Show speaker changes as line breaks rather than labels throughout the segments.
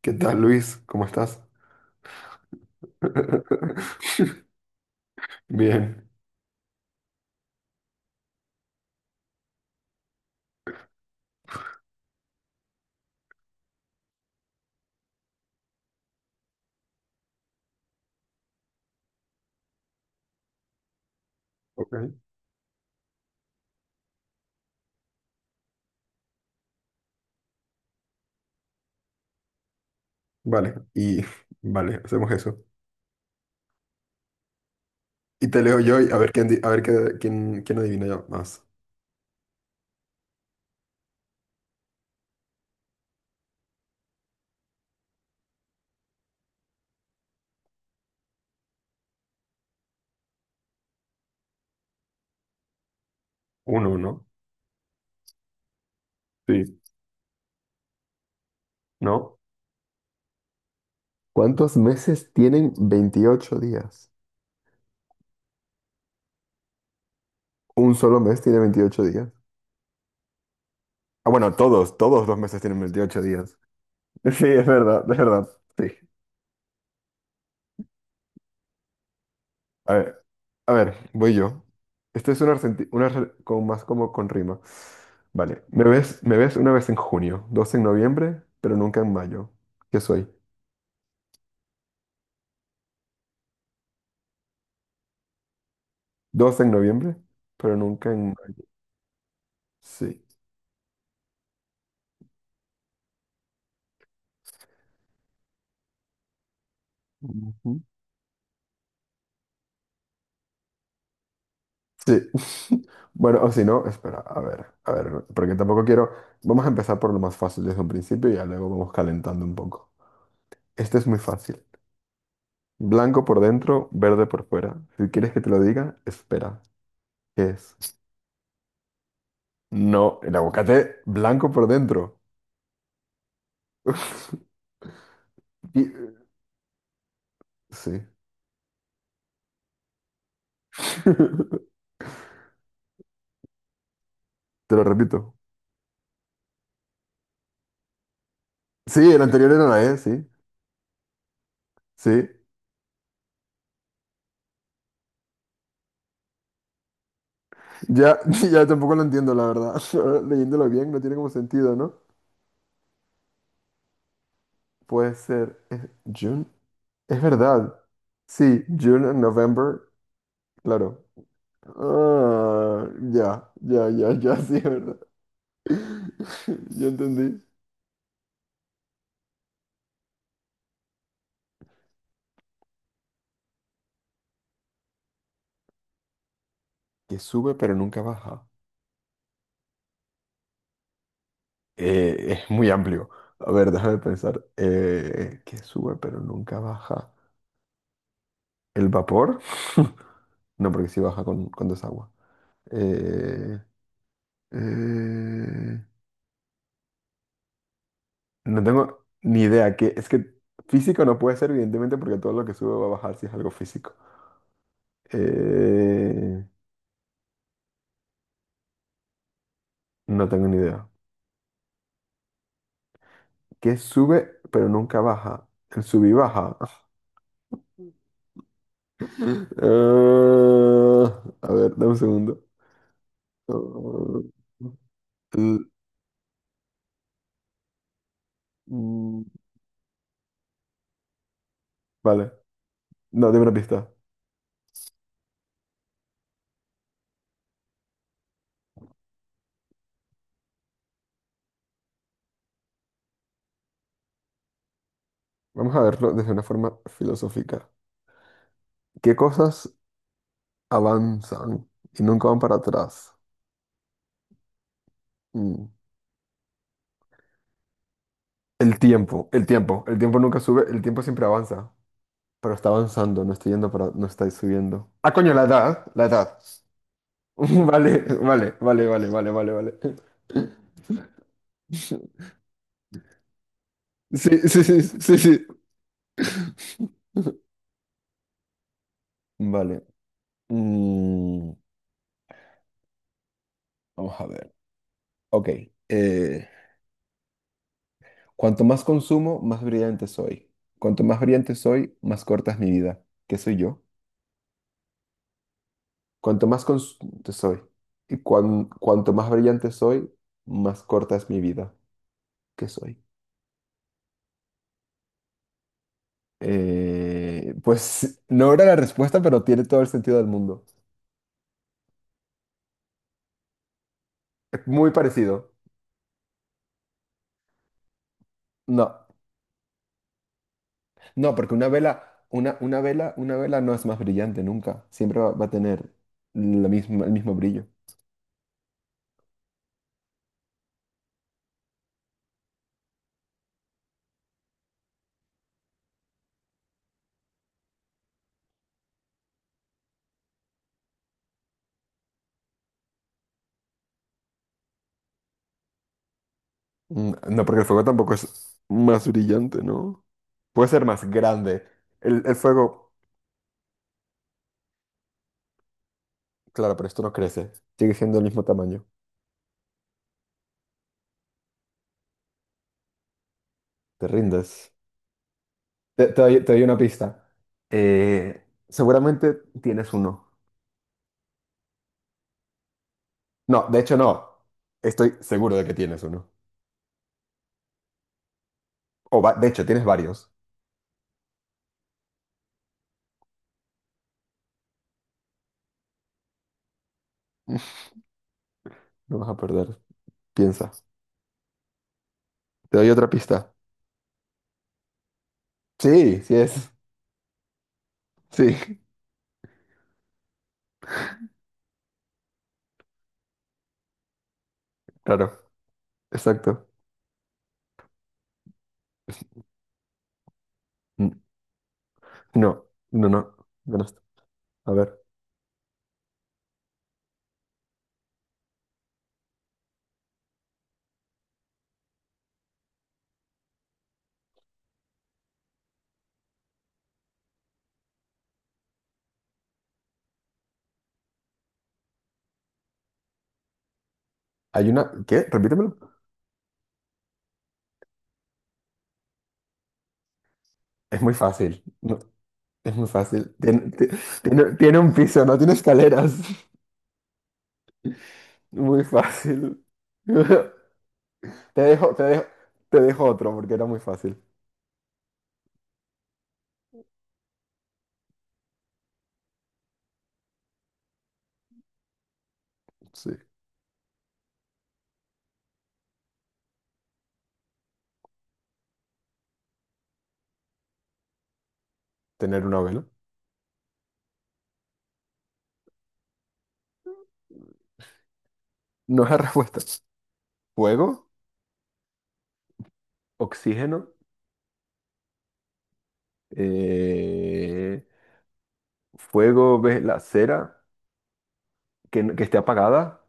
¿Qué tal, Luis? ¿Cómo estás? Bien. Ok. Vale, y vale, hacemos eso. Y te leo yo y a ver quién, quién, quién adivina ya más. Uno, ¿no? Sí. ¿No? ¿Cuántos meses tienen 28 días? Un solo mes tiene 28 días. Ah, bueno, todos los meses tienen 28 días. Sí, es verdad, es verdad. Sí. A ver. A ver, voy yo. Este es una re- Con más como con rima. Vale, me ves una vez en junio, dos en noviembre, pero nunca en mayo. ¿Qué soy? Dos en noviembre, pero nunca en mayo. Sí. Ujú. Sí. Bueno, o si no, espera, a ver, porque tampoco quiero. Vamos a empezar por lo más fácil desde un principio y ya luego vamos calentando un poco. Este es muy fácil. Blanco por dentro, verde por fuera. Si quieres que te lo diga, espera. ¿Qué es? No, el aguacate blanco por dentro. Y- Sí. Te lo repito. Sí, el anterior era la E, sí. Sí. Ya, ya tampoco lo entiendo, la verdad. Ahora, leyéndolo bien, no tiene como sentido, ¿no? Puede ser. Es June. Es verdad. Sí, June and November. Claro. Ah, ya, ya, ya, ya, sí, es verdad. Ya entendí. Que sube pero nunca baja. Es muy amplio. A ver, déjame pensar. Que sube pero nunca baja. ¿El vapor? No, porque sí baja con desagua. Eh, eh, no tengo ni idea. Que, es que físico no puede ser, evidentemente, porque todo lo que sube va a bajar si es algo físico. Eh, no tengo ni idea. ¿Qué sube pero nunca baja? El sub y baja. Eh, a ver, dame un segundo. Eh, mm, Vale. No, dime una pista. Vamos a verlo desde una forma filosófica. ¿Qué cosas avanzan y nunca van para atrás? Mm. El tiempo, el tiempo. El tiempo nunca sube, el tiempo siempre avanza, pero está avanzando, no está yendo para, no está subiendo. Ah, coño, la edad, la edad. Vale, vale, vale, vale, vale, vale, vale. Sí, sí, sí, sí, sí. Vale. Mm, vamos a ver. Ok. eh, Cuanto más consumo, más brillante soy. Cuanto más brillante soy, más corta es mi vida. ¿Qué soy yo? Cuanto más consumo soy. Y cuanto más brillante soy, más corta es mi vida. ¿Qué soy? Pues no era la respuesta, pero tiene todo el sentido del mundo. Es muy parecido. No, no, porque una vela no es más brillante nunca. Siempre va, va a tener la misma, el mismo brillo. Mm, no, porque el fuego tampoco es más brillante, ¿no? Puede ser más grande. El fuego, claro, pero esto no crece. Sigue siendo el mismo tamaño. Te rindes. Te doy una pista. Seguramente tienes uno. No, de hecho no. Estoy seguro de que tienes uno. De hecho, tienes varios. No vas a perder. Piensa. Te doy otra pista. Sí, sí es. Sí, claro. Exacto. N- No, no, no. Ganaste. A ver. Hay una... ¿Qué? Repítemelo. Es muy fácil. No, es muy fácil. Tiene un piso, no tiene escaleras. Muy fácil. Te dejo, te dejo, Te dejo otro porque era muy fácil. Sí, tener una vela. No es la respuesta. Fuego, oxígeno, eh, fuego, ves la cera que esté apagada.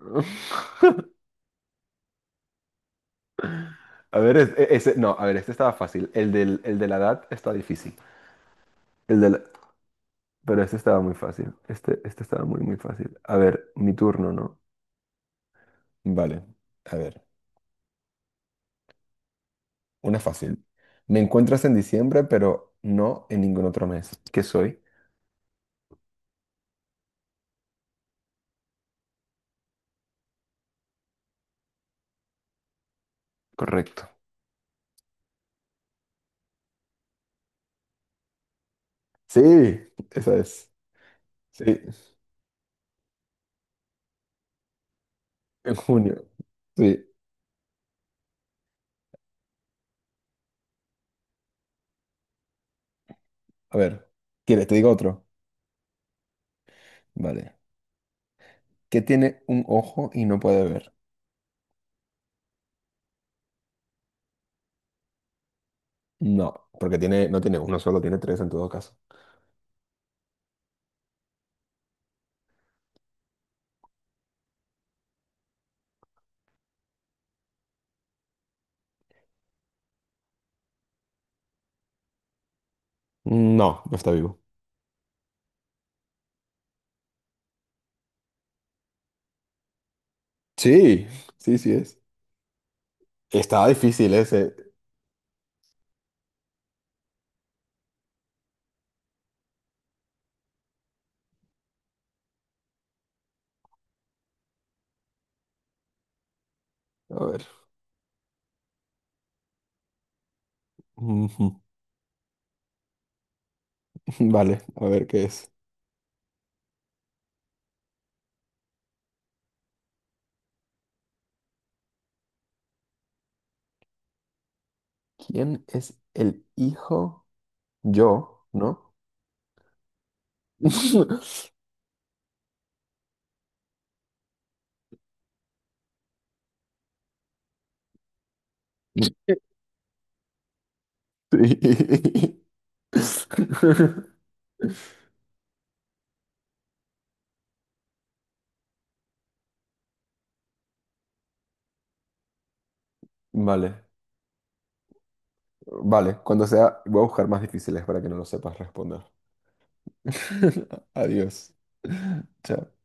A ver, ese, no, a ver, este estaba fácil. El de la edad está difícil. El de la- pero este estaba muy fácil. Este estaba muy, muy fácil. A ver, mi turno, ¿no? Vale, a ver. Una fácil. Me encuentras en diciembre, pero no en ningún otro mes. ¿Qué soy? Correcto. Sí, esa es. Sí, en junio. Sí. A ver, ¿quieres? Te digo otro. Vale. ¿Qué tiene un ojo y no puede ver? No, porque tiene, no tiene uno solo, tiene tres en todo caso. No, no está vivo. Sí, sí, sí es. Estaba difícil ese. A ver. Ujú. Vale, a ver qué es. ¿Quién es el hijo? Yo, ¿no? Sí. Vale, vale. Cuando sea, voy a buscar más difíciles para que no lo sepas responder. Adiós. Chao.